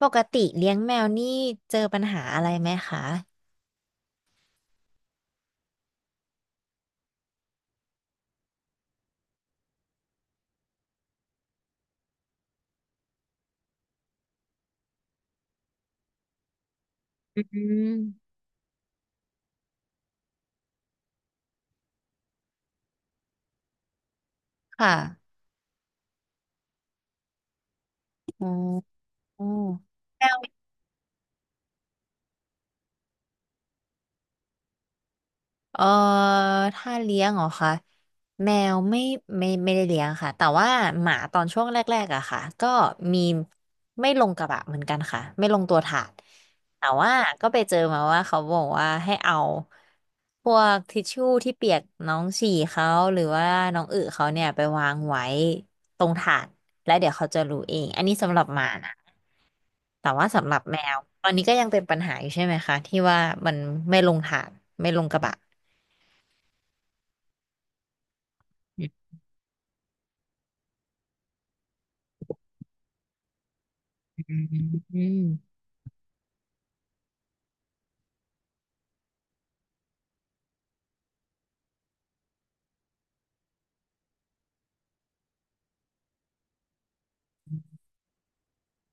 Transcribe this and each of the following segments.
ปกติเลี้ยงแมวนี่เจอปัญหาอะไรไหมคะอืมค่ะอ๋อแมว เออถ้าเลี้ยงเหรอคะแมวไม่ไม่ได้เลี้ยงค่ะแต่ว่าหมาตอนช่วงแรกๆอะค่ะก็มีไม่ลงกระบะเหมือนกันค่ะไม่ลงตัวถาดแต่ว่าก็ไปเจอมาว่าเขาบอกว่าให้เอาพวกทิชชู่ที่เปียกน้องฉี่เขาหรือว่าน้องอึเขาเนี่ยไปวางไว้ตรงถาดแล้วเดี๋ยวเขาจะรู้เองอันนี้สำหรับหมานะแต่ว่าสำหรับแมวตอนนี้ก็ยังเป็นปัญหาอยู่ใช่ไหมคะที่ว่ามันไม่ลงถาดไม่ลงกระบะ อืม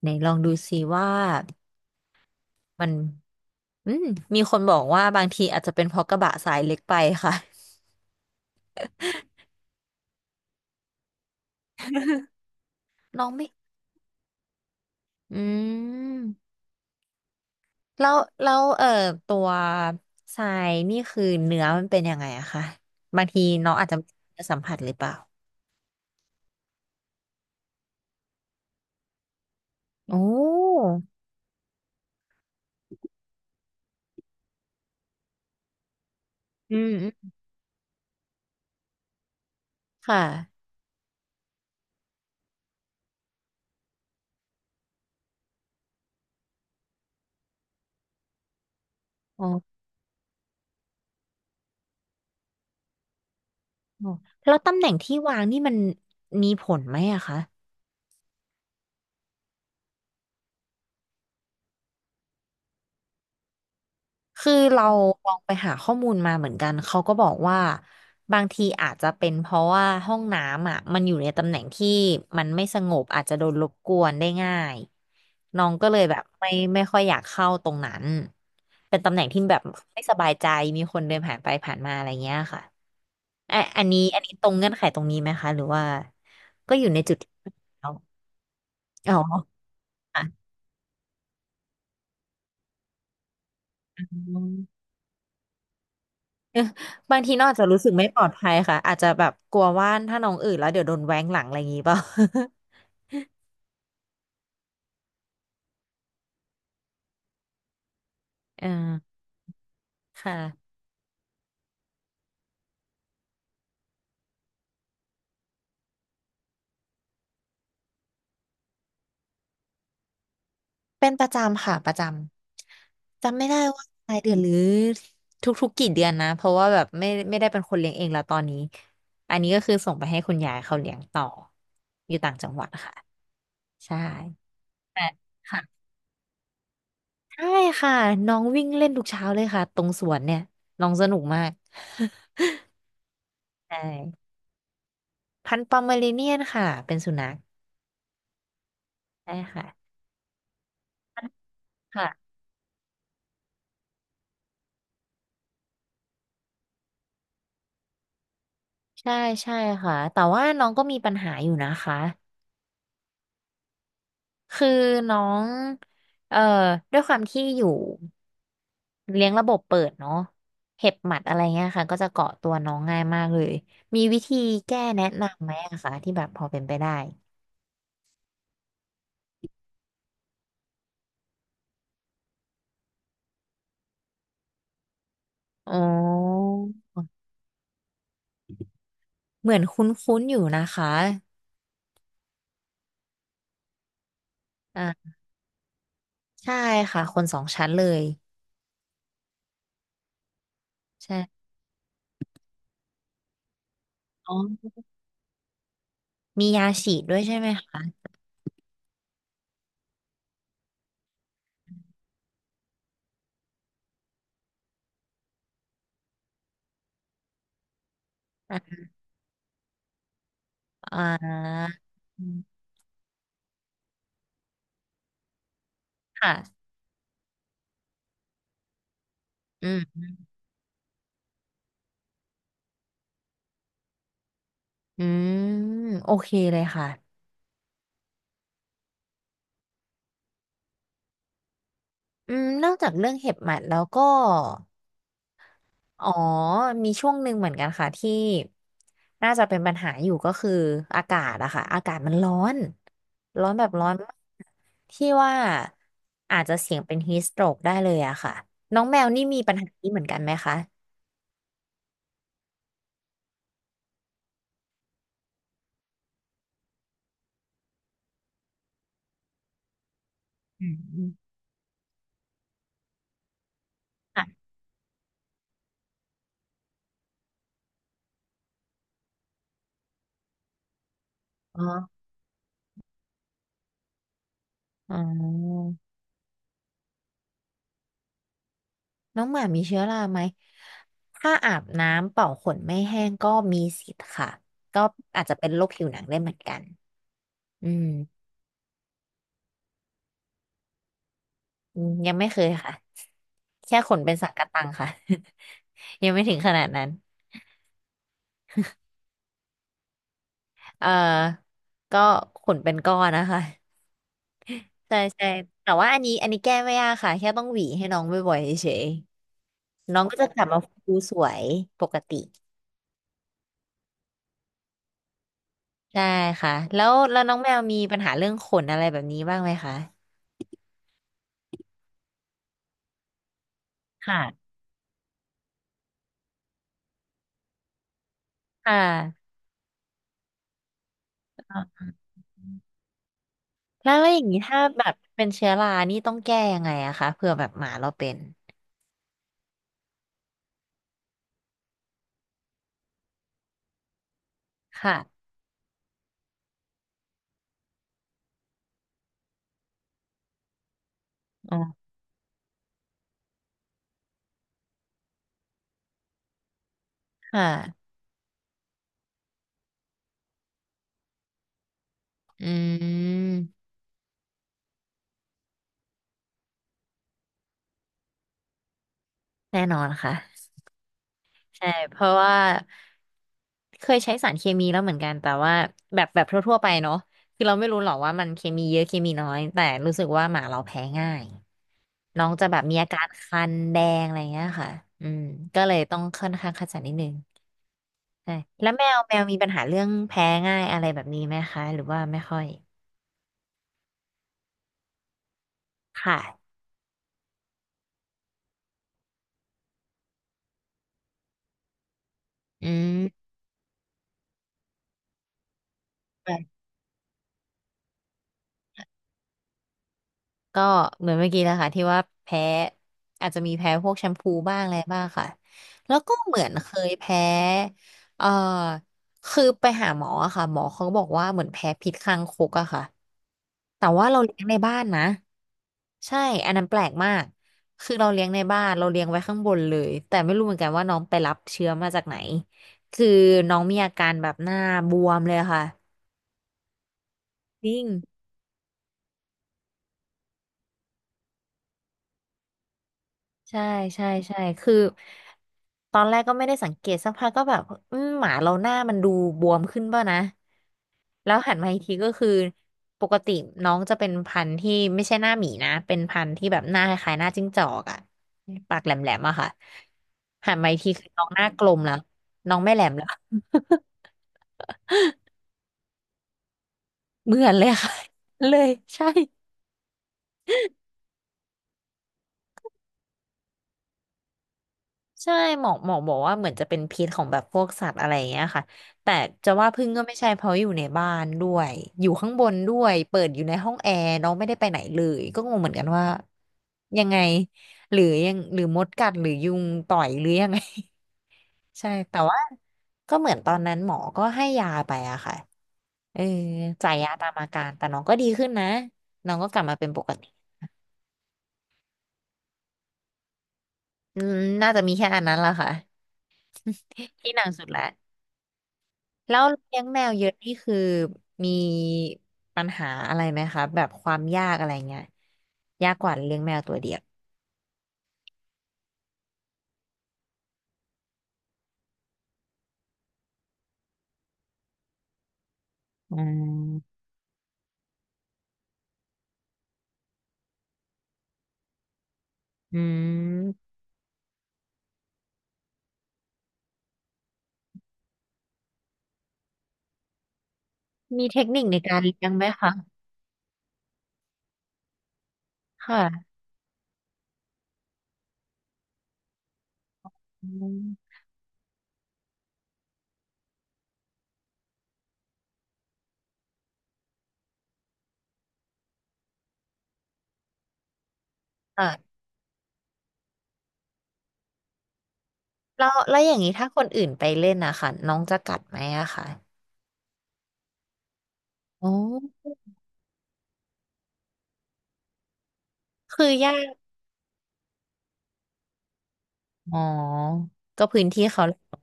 ไหนลองดูสิว่ามันอืมมีคนบอกว่าบางทีอาจจะเป็นเพราะกระบะสายเล็กไปค่ะน้องไม่อืมแล้วแล้วตัวทรายนี่คือเนื้อมันเป็นยังไงอะคะบางทีน้องอาจจะไม่ได้สัมผัสหรือเปล่าโอ้อืมอืมค่ะอ๋อแล้วตำแหน่งที่วางนี่มันมีผลไหมอะคะ คือเราลองไปหาข้อมูลมาเหมือนกันเขาก็บอกว่าบางทีอาจจะเป็นเพราะว่าห้องน้ำอ่ะมันอยู่ในตำแหน่งที่มันไม่สงบอาจจะโดนรบกวนได้ง่ายน้องก็เลยแบบไม่ค่อยอยากเข้าตรงนั้นเป็นตำแหน่งที่แบบไม่สบายใจมีคนเดินผ่านไปผ่านมาอะไรเงี้ยค่ะอ่ะอันนี้ตรงเงื่อนไขตรงนี้ไหมคะหรือว่าก็อยู่ในจุดที่แล้วอ๋อค่ะ บางทีน้องอาจจะรู้สึกไม่ปลอดภัยค่ะอาจจะแบบกลัวว่าถ้าน้องอื่นแล้วเดี๋ยวโดนแว้งหลังอะไรอย่างงี้เปล่า เออค่ะเป็นประจำค่ะประจำจำไม่ได้ว่ารายเดือนหรือทุกๆกี่เดือนนะเพราะว่าแบบไม่ได้เป็นคนเลี้ยงเองแล้วตอนนี้อันนี้ก็คือส่งไปให้คุณยายเขาเลี้ยงต่ออยู่ต่างจังหวัดค่ะใช่แต่ค่ะใช่ค่ะน้องวิ่งเล่นทุกเช้าเลยค่ะตรงสวนเนี่ยน้องสนุกมาก ใช่ พันธุ์ปอมเมอเรเนียนค่ะเป็นสุนัขใช่ค่ะ ค่ะใช่ใช่ค่ะแต่ว่าน้องก็มีปัญหาอยู่นะคะคือน้องเอ่อด้วยความที่อยู่เลี้ยงระบบเปิดเนาะเห็บหมัดอะไรเงี้ยค่ะก็จะเกาะตัวน้องง่ายมากเลยมีวิธีแก้แนะนำไหมอะคะที่แบบพอเป็นไปได้อ๋อเหมือนคุ้นๆอยู่นะคะอ่าใช่ค่ะคนสองชั้นเลยใช่อ๋อมียาฉีดด้วยใช่ไหมคะอ่าอ่าค่ะอืม อืมโอเคเลยค่ะอืมนอกจากเรื่องเห็บหมัดแล้วก็อ๋อมีช่วงหนึ่งเหมือนกันค่ะที่น่าจะเป็นปัญหาอยู่ก็คืออากาศอะค่ะอากาศมันร้อนร้อนแบบร้อนมากที่ว่าอาจจะเสี่ยงเป็นฮีสโตรกได้เลยอะค่ะน้องแมวนี่มีปัญหานี้เหมือนกันไหมคะอืมค่ะอ๋ออ๋อ น้องหมามีเชื้อราไหมถ้าอาบน้ำเป่าขนไม่แห้งก็มีสิทธิ์ค่ะ ก็อาจจะเป็นโรคผิวหนังได้เหมือนกันอืมอืมยังไม่เคยค่ะแค่ขนเป็นสังกะตังค่ะ ยังไม่ถึงขนาดนั้นเอ่อก็ขนเป็นก้อนนะคะใช่ใช่แต่ว่าอันนี้แก้ไม่ยากค่ะแค่ต้องหวีให้น้องบ่อยๆเฉยๆน้องก็จะกลับมาฟูสวยปกติใช่ค่ะแล้วน้องแมวมีปัญหาเรื่องขนอะไรแบบนี้บ้างไหมคะค่ะค่ะ อ่ะแล้วอย่างนี้ถ้าแบบเป็นเชื้อรานี่ต้องแก้ยังไงอะคะเผื่อแบบหมาเราเป็นค่ะอ๋อค่ะอืมแน่นอนค่ะใช่เพราะว่าเคยใช้สารเคมีแล้วเหมือนกันแต่ว่าแบบทั่วๆไปเนาะคือเราไม่รู้หรอกว่ามันเคมีเยอะเคมีน้อยแต่รู้สึกว่าหมาเราแพ้ง่ายน้องจะแบบมีอาการคันแดงอะไรเงี้ยค่ะอืมก็เลยต้องค่อนข้างคัดสรรนิดนึง ใช่แล้วแมวมีปัญหาเรื่องแพ้ง่ายอะไรแบบนี้ไหมคะหรือว่าไม่ค่อยค่ะอืมค่ะก็เหมือนเมื่อกี้แล้วค่ะที่ว่าแพ้อาจจะมีแพ้พวกแชมพูบ้างอะไรบ้างค่ะแล้วก็เหมือนเคยแพ้เอ่อคือไปหาหมออะค่ะหมอเขาก็บอกว่าเหมือนแพ้พิษคางคกอะค่ะแต่ว่าเราเลี้ยงในบ้านนะ ใช่ อันนั้นแปลกมาก คือเราเลี้ยงในบ้าน เราเลี้ยงไว้ข้างบนเลย แต่ไม่รู้เหมือนกันว่าน้องไปรับเชื้อมาจากไหน คือน้องมีอาการแบบหน้าบวมเลยค่ะจริง ใช่ใช่ใช่คือตอนแรกก็ไม่ได้สังเกตสักพักก็แบบหมาเราหน้ามันดูบวมขึ้นป่ะนะแล้วหันมาอีกทีก็คือปกติน้องจะเป็นพันธุ์ที่ไม่ใช่หน้าหมีนะเป็นพันธุ์ที่แบบหน้าคล้ายๆหน้าจิ้งจอกอะปากแหลมๆอะค่ะหันมาอีกทีคือน้องหน้ากลมแล้วน้องไม่แหลมแล้ว เหมือนเลยค่ะ เลยใช่ ใช่หมอบอกว่าเหมือนจะเป็นพิษของแบบพวกสัตว์อะไรอย่างเงี้ยค่ะแต่จะว่าพึ่งก็ไม่ใช่เพราะอยู่ในบ้านด้วยอยู่ข้างบนด้วยเปิดอยู่ในห้องแอร์น้องไม่ได้ไปไหนเลยก็งงเหมือนกันว่ายังไงหรือยังหรือมดกัดหรือยุงต่อยหรือยังไง ใช่แต่ว่าก็เหมือนตอนนั้นหมอก็ให้ยาไปอะค่ะเออจ่ายยาตามอาการแต่น้องก็ดีขึ้นนะน้องก็กลับมาเป็นปกติอืมน่าจะมีแค่อันนั้นละค่ะที่หนักสุดละ แล้วเลี้ยงแมวเยอะนี่คือมีปัญหาอะไรไหมคะแบบความยากอะไรเงี้ยยากกว่าเลี้ยงแมวตัวเดียวอืมอืมมีเทคนิคในการเลี้ยงไหมคะค่ะอืมค่ะแล้วอย่างนี้ถ้าคนอื่นไปเล่นนะคะน้องจะกัดไหมอะคะอ๋อคือยากอ๋อก็พื้นที่เขาแหละ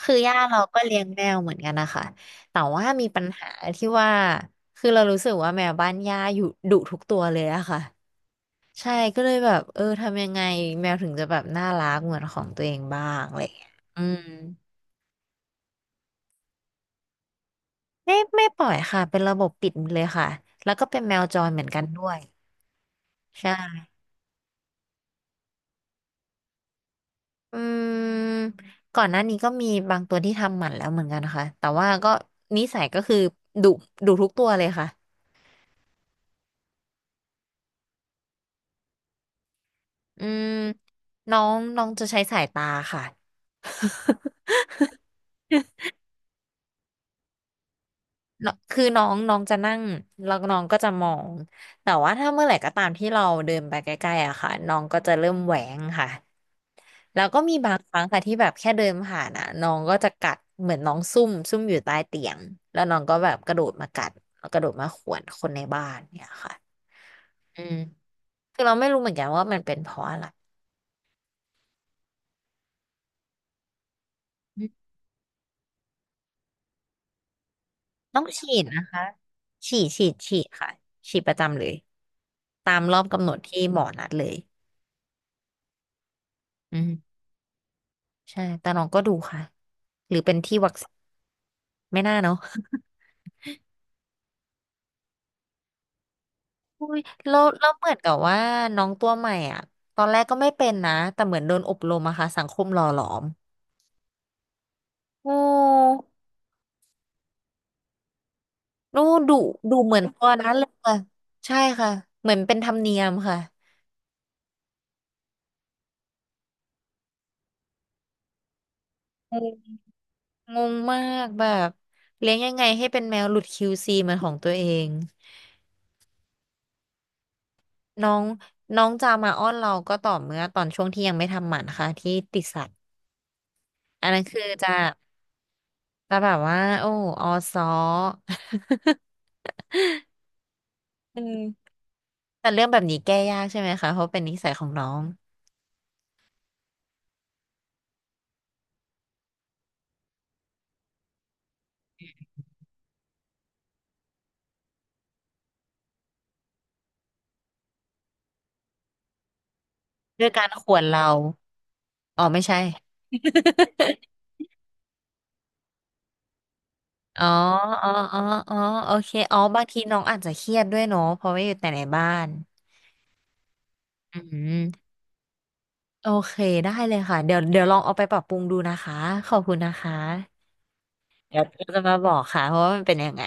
คือย่าเราก็เลี้ยงแมวเหมือนกันนะคะแต่ว่ามีปัญหาที่ว่าคือเรารู้สึกว่าแมวบ้านย่าอยู่ดุทุกตัวเลยอะค่ะใช่ก็เลยแบบเออทำยังไงแมวถึงจะแบบน่ารักเหมือนของตัวเองบ้างอะไรอย่างเงี้ยอืมไม่ปล่อยค่ะเป็นระบบปิดเลยค่ะแล้วก็เป็นแมวจรเหมือนกันด้วยใช่อืมก่อนหน้านี้ก็มีบางตัวที่ทำหมันแล้วเหมือนกันนะคะแต่ว่าก็นิสัยก็คือดุดุทุกตัวเลยค่ะ อืมน้องน้องจะใช้สายตาค่ะ เนอะคือน้องน้องจะนั่งแล้วน้องก็จะมอง แต่ว่าถ้าเมื่อไหร่ก็ตามที่เราเดินไปใกล้ๆอะค่ะน้องก็จะเริ่มแหวงค่ะ แล้วก็มีบางครั้งค่ะที่แบบแค่เดินผ่านอะน้องก็จะกัดเหมือนน้องซุ่มอยู่ใต้เตียงแล้วน้องก็แบบกระโดดมากัดแล้วกระโดดมาข่วนคนในบ้านเนี่ยค่ะอืมคือเราไม่รู้เหมือนกันว่ามันเป็นเพราะอะไร ต้องฉีดนะคะฉีดค่ะฉีดประจำเลยตามรอบกำหนดที่หมอนัดเลยอืมใช่แต่น้องก็ดูค่ะหรือเป็นที่วัคซีนไม่น่าเนาะอุ้ยแล้วเหมือนกับว่าน้องตัวใหม่อ่ะตอนแรกก็ไม่เป็นนะแต่เหมือนโดนอบรมอะค่ะสังคมหล่อหลอมโอ้ดูดูดูเหมือนตัวนั้นเลยค่ะใช่ค่ะเหมือนเป็นธรรมเนียมค่ะงงงงมากแบบเลี้ยงยังไงให้เป็นแมวหลุด QC เหมือนของตัวเอง น้องน้องจะมาอ้อนเราก็ต่อเมื่อตอนช่วงที่ยังไม่ทำหมันค่ะที่ติดสัตว์อันนั้นคือจะแบบว่าโอ้ออซ้อ อืมแต่เรื่องแบบนี้แก้ยากใช่ไหมคะเพราะเป็นนิสัยของน้องด้วยการข่วนเราอ๋อไม่ใช่ อ๋ออ๋ออ๋ออ๋อโอเคอ๋อบางทีน้องอาจจะเครียดด้วยเนาะเพราะว่าอยู่แต่ในบ้านอืมโอเคได้เลยค่ะเดี๋ยวลองเอาไปปรับปรุงดูนะคะขอบคุณนะคะ เดี๋ยวเราจะมาบอกค่ะเพราะว่ามันเป็นยังไง